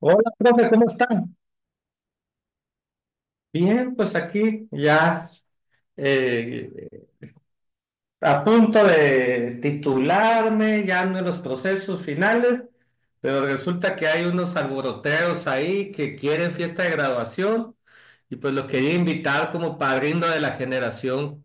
Hola, profe, ¿cómo están? Bien, pues aquí ya eh, a punto de titularme, ya ando en los procesos finales, pero resulta que hay unos alboroteros ahí que quieren fiesta de graduación y pues lo quería invitar como padrino de la generación.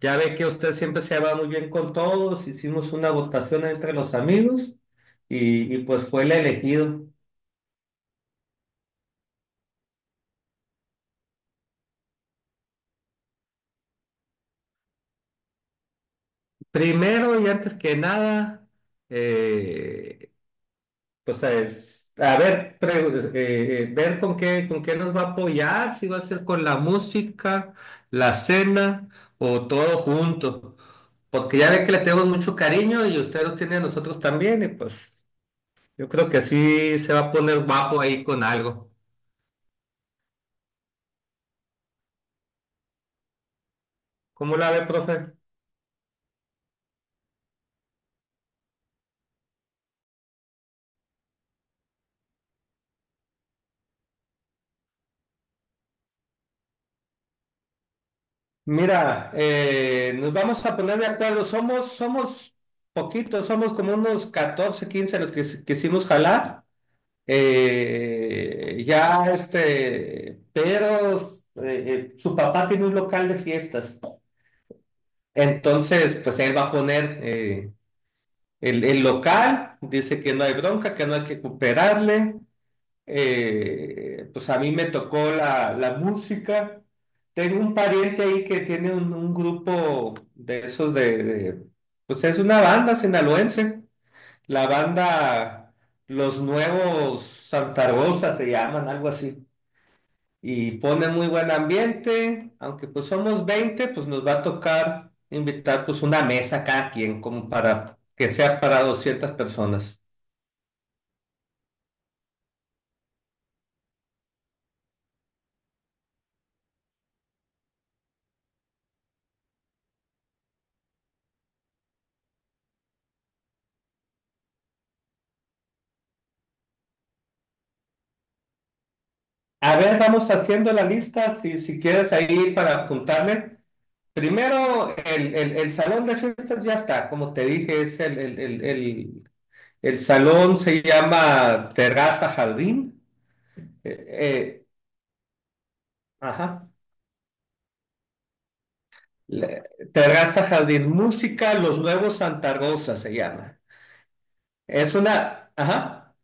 Ya ve que usted siempre se va muy bien con todos, hicimos una votación entre los amigos y pues fue el elegido. Primero y antes que nada, eh, o sea, es, a ver, ver con qué, nos va a apoyar, si va a ser con la música, la cena o todo junto. Porque ya ve que le tenemos mucho cariño y usted los tiene a nosotros también, y pues yo creo que así se va a poner guapo ahí con algo. ¿Cómo la ve, profe? Mira, nos vamos a poner de acuerdo. Somos poquitos, somos como unos 14 15 los que quisimos jalar. Ya este, pero su papá tiene un local de fiestas. Entonces, pues él va a poner el local, dice que no hay bronca, que no hay que cooperarle. Pues a mí me tocó la música. Tengo un pariente ahí que tiene un grupo de esos de, pues es una banda sinaloense. La banda Los Nuevos Santa Rosa se llaman, algo así. Y pone muy buen ambiente, aunque pues somos 20 pues nos va a tocar invitar pues una mesa cada quien, como para que sea para 200 personas. A ver, vamos haciendo la lista, si quieres ahí para apuntarle. Primero, el salón de fiestas ya está, como te dije, es el salón se llama Terraza Jardín. Eh, eh, ajá. Le- Terraza Jardín Música, Los Nuevos Santa Rosa se llama. Es una, ajá,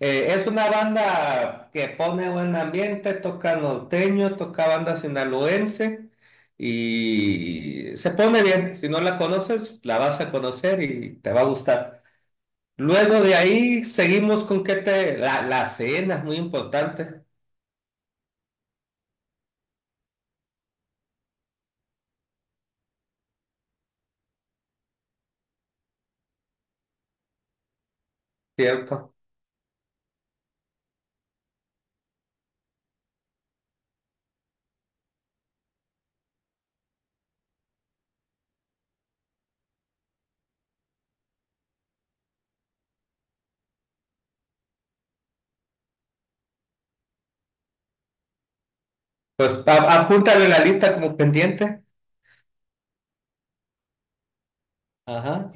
es una banda que pone buen ambiente, toca norteño, toca banda sinaloense y se pone bien. Si no la conoces, la vas a conocer y te va a gustar. Luego de ahí seguimos con que te, la cena es muy importante, ¿cierto? Pues apúntale la lista como pendiente. Ajá.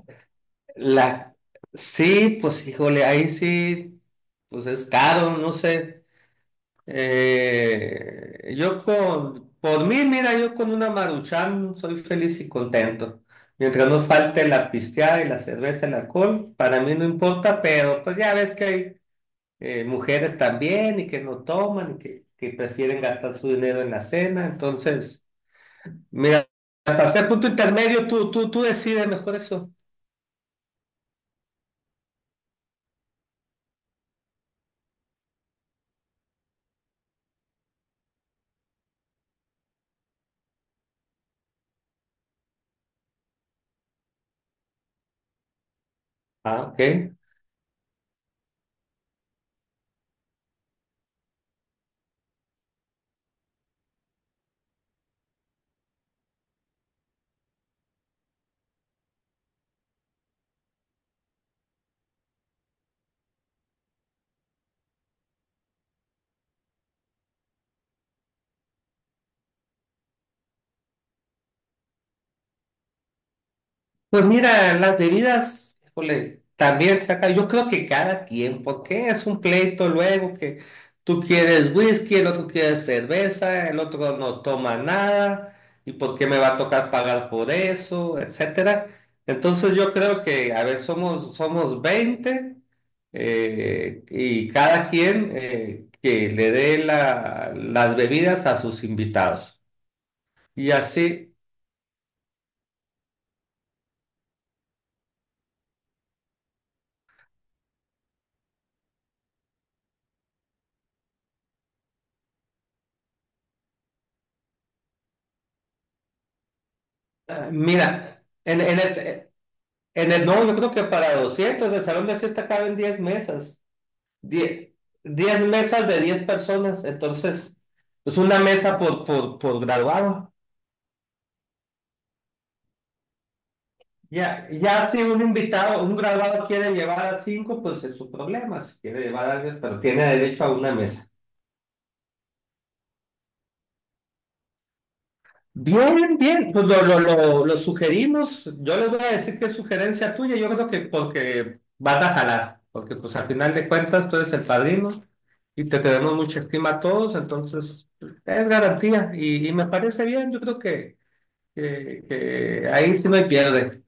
La, sí, pues híjole, ahí sí, pues es caro, no sé. Yo con, por mí, mira, yo con una Maruchan soy feliz y contento. Mientras no falte la pisteada y la cerveza, el alcohol, para mí no importa, pero pues ya ves que hay mujeres también y que no toman y que prefieren gastar su dinero en la cena. Entonces, mira, para ser punto intermedio, tú decides mejor eso. Ah, ok. Pues mira, las bebidas, híjole, también saca, yo creo que cada quien, porque es un pleito luego que tú quieres whisky, el otro quiere cerveza, el otro no toma nada, y por qué me va a tocar pagar por eso, etcétera. Entonces yo creo que, a ver, somos 20 y cada quien que las bebidas a sus invitados. Y así, ah, mira, en, en este- en el, no, yo creo que para 200, en el salón de fiesta caben 10 mesas, 10 10 mesas de 10 personas, entonces es una mesa por graduado. Ya si un invitado, un graduado quiere llevar a 5, pues es su problema, si quiere llevar a 10, pero tiene derecho a una mesa. Bien, bien, pues lo sugerimos. Yo les voy a decir que es sugerencia tuya. Yo creo que porque vas a jalar, porque pues al final de cuentas tú eres el padrino y te tenemos mucha estima a todos, entonces es garantía y me parece bien. Yo creo que, que ahí sí no hay pierde.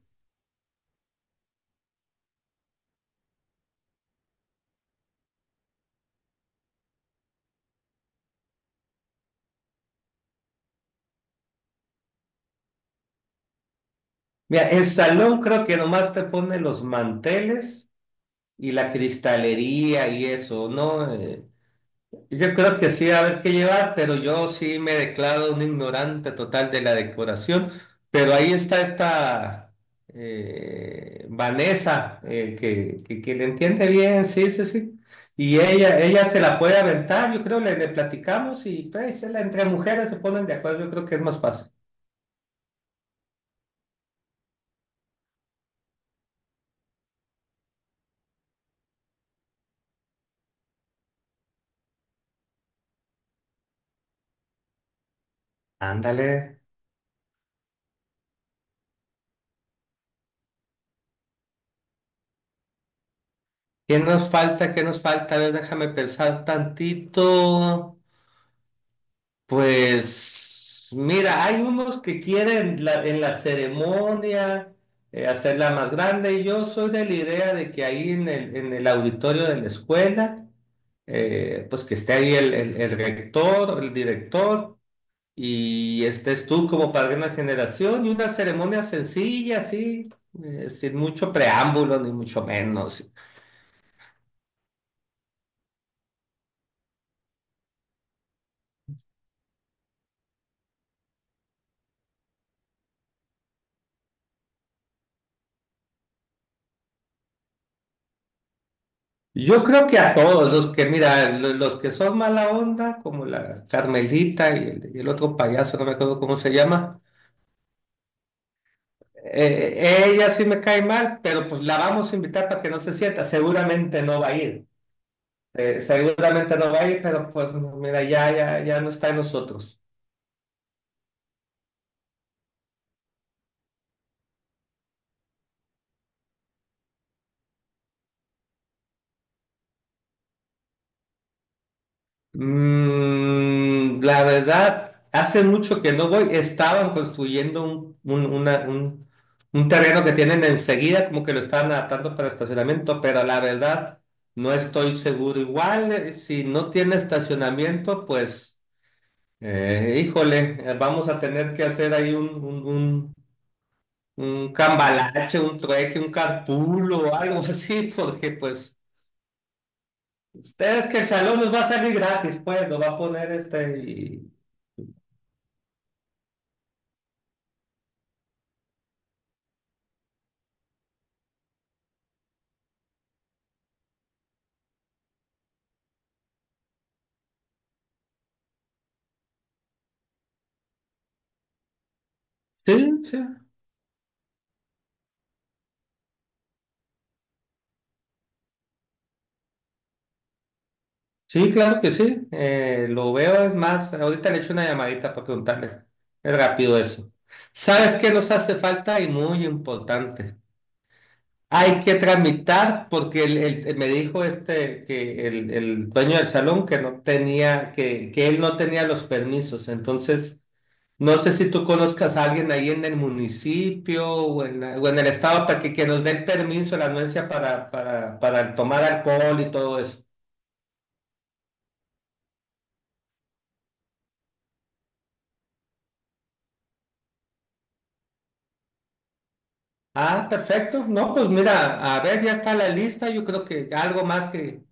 Mira, el salón creo que nomás te pone los manteles y la cristalería y eso, ¿no? Yo creo que sí va a haber que llevar, pero yo sí me declaro un ignorante total de la decoración. Pero ahí está esta Vanessa, que, que le entiende bien, sí, sí, sí. Y ella se la puede aventar, yo creo, le platicamos y pues entre mujeres se ponen de acuerdo, yo creo que es más fácil. Ándale. ¿Qué nos falta? ¿Qué nos falta? A ver, déjame pensar tantito. Pues mira, hay unos que quieren en la ceremonia hacerla más grande y yo soy de la idea de que ahí en en el auditorio de la escuela, pues que esté ahí el rector, el director y estés tú como padrino de una generación y una ceremonia sencilla, así, sin mucho preámbulo ni mucho menos. Yo creo que a todos los que, mira, los que son mala onda, como la Carmelita y el otro payaso, no me acuerdo cómo se llama, ella sí me cae mal, pero pues la vamos a invitar para que no se sienta. Seguramente no va a ir, pero pues mira, ya no está en nosotros. Mm, la verdad, hace mucho que no voy. Estaban construyendo un terreno que tienen enseguida, como que lo estaban adaptando para estacionamiento, pero la verdad no estoy seguro. Igual, si no tiene estacionamiento, pues, vamos a tener que hacer ahí un cambalache, un trueque, un carpool o algo así, porque pues, ustedes que el salón nos va a salir gratis, pues, lo va a poner este y sí, sí, sí, claro que sí. Lo veo, es más, ahorita le echo una llamadita para preguntarle. Es rápido eso. ¿Sabes qué nos hace falta? Y muy importante. Hay que tramitar, porque me dijo este que el dueño del salón que no tenía, que él no tenía los permisos. Entonces, no sé si tú conozcas a alguien ahí en el municipio o en, o en el estado para que nos den permiso, la anuencia para tomar alcohol y todo eso. Ah, perfecto. No, pues mira, a ver, ya está la lista. Yo creo que algo más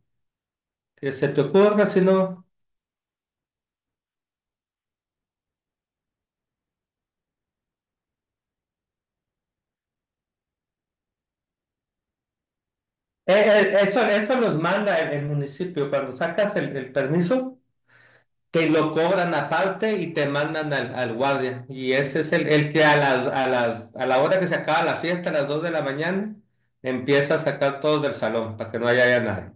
que se te ocurra, si no. Eso, eso los manda el municipio. Cuando sacas el permiso, te lo cobran aparte y te mandan al guardia. Y ese es el que a la hora que se acaba la fiesta, a las 2 de la mañana, empieza a sacar todos del salón para que no haya nadie.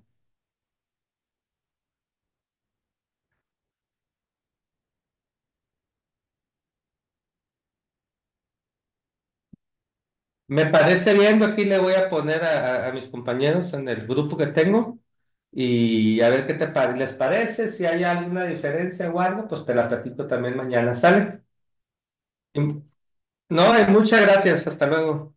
Me parece bien, yo aquí le voy a poner a, a mis compañeros en el grupo que tengo y a ver qué les parece, si hay alguna diferencia o algo, pues te la platico también mañana, ¿sale? Y- No, y muchas gracias, hasta luego.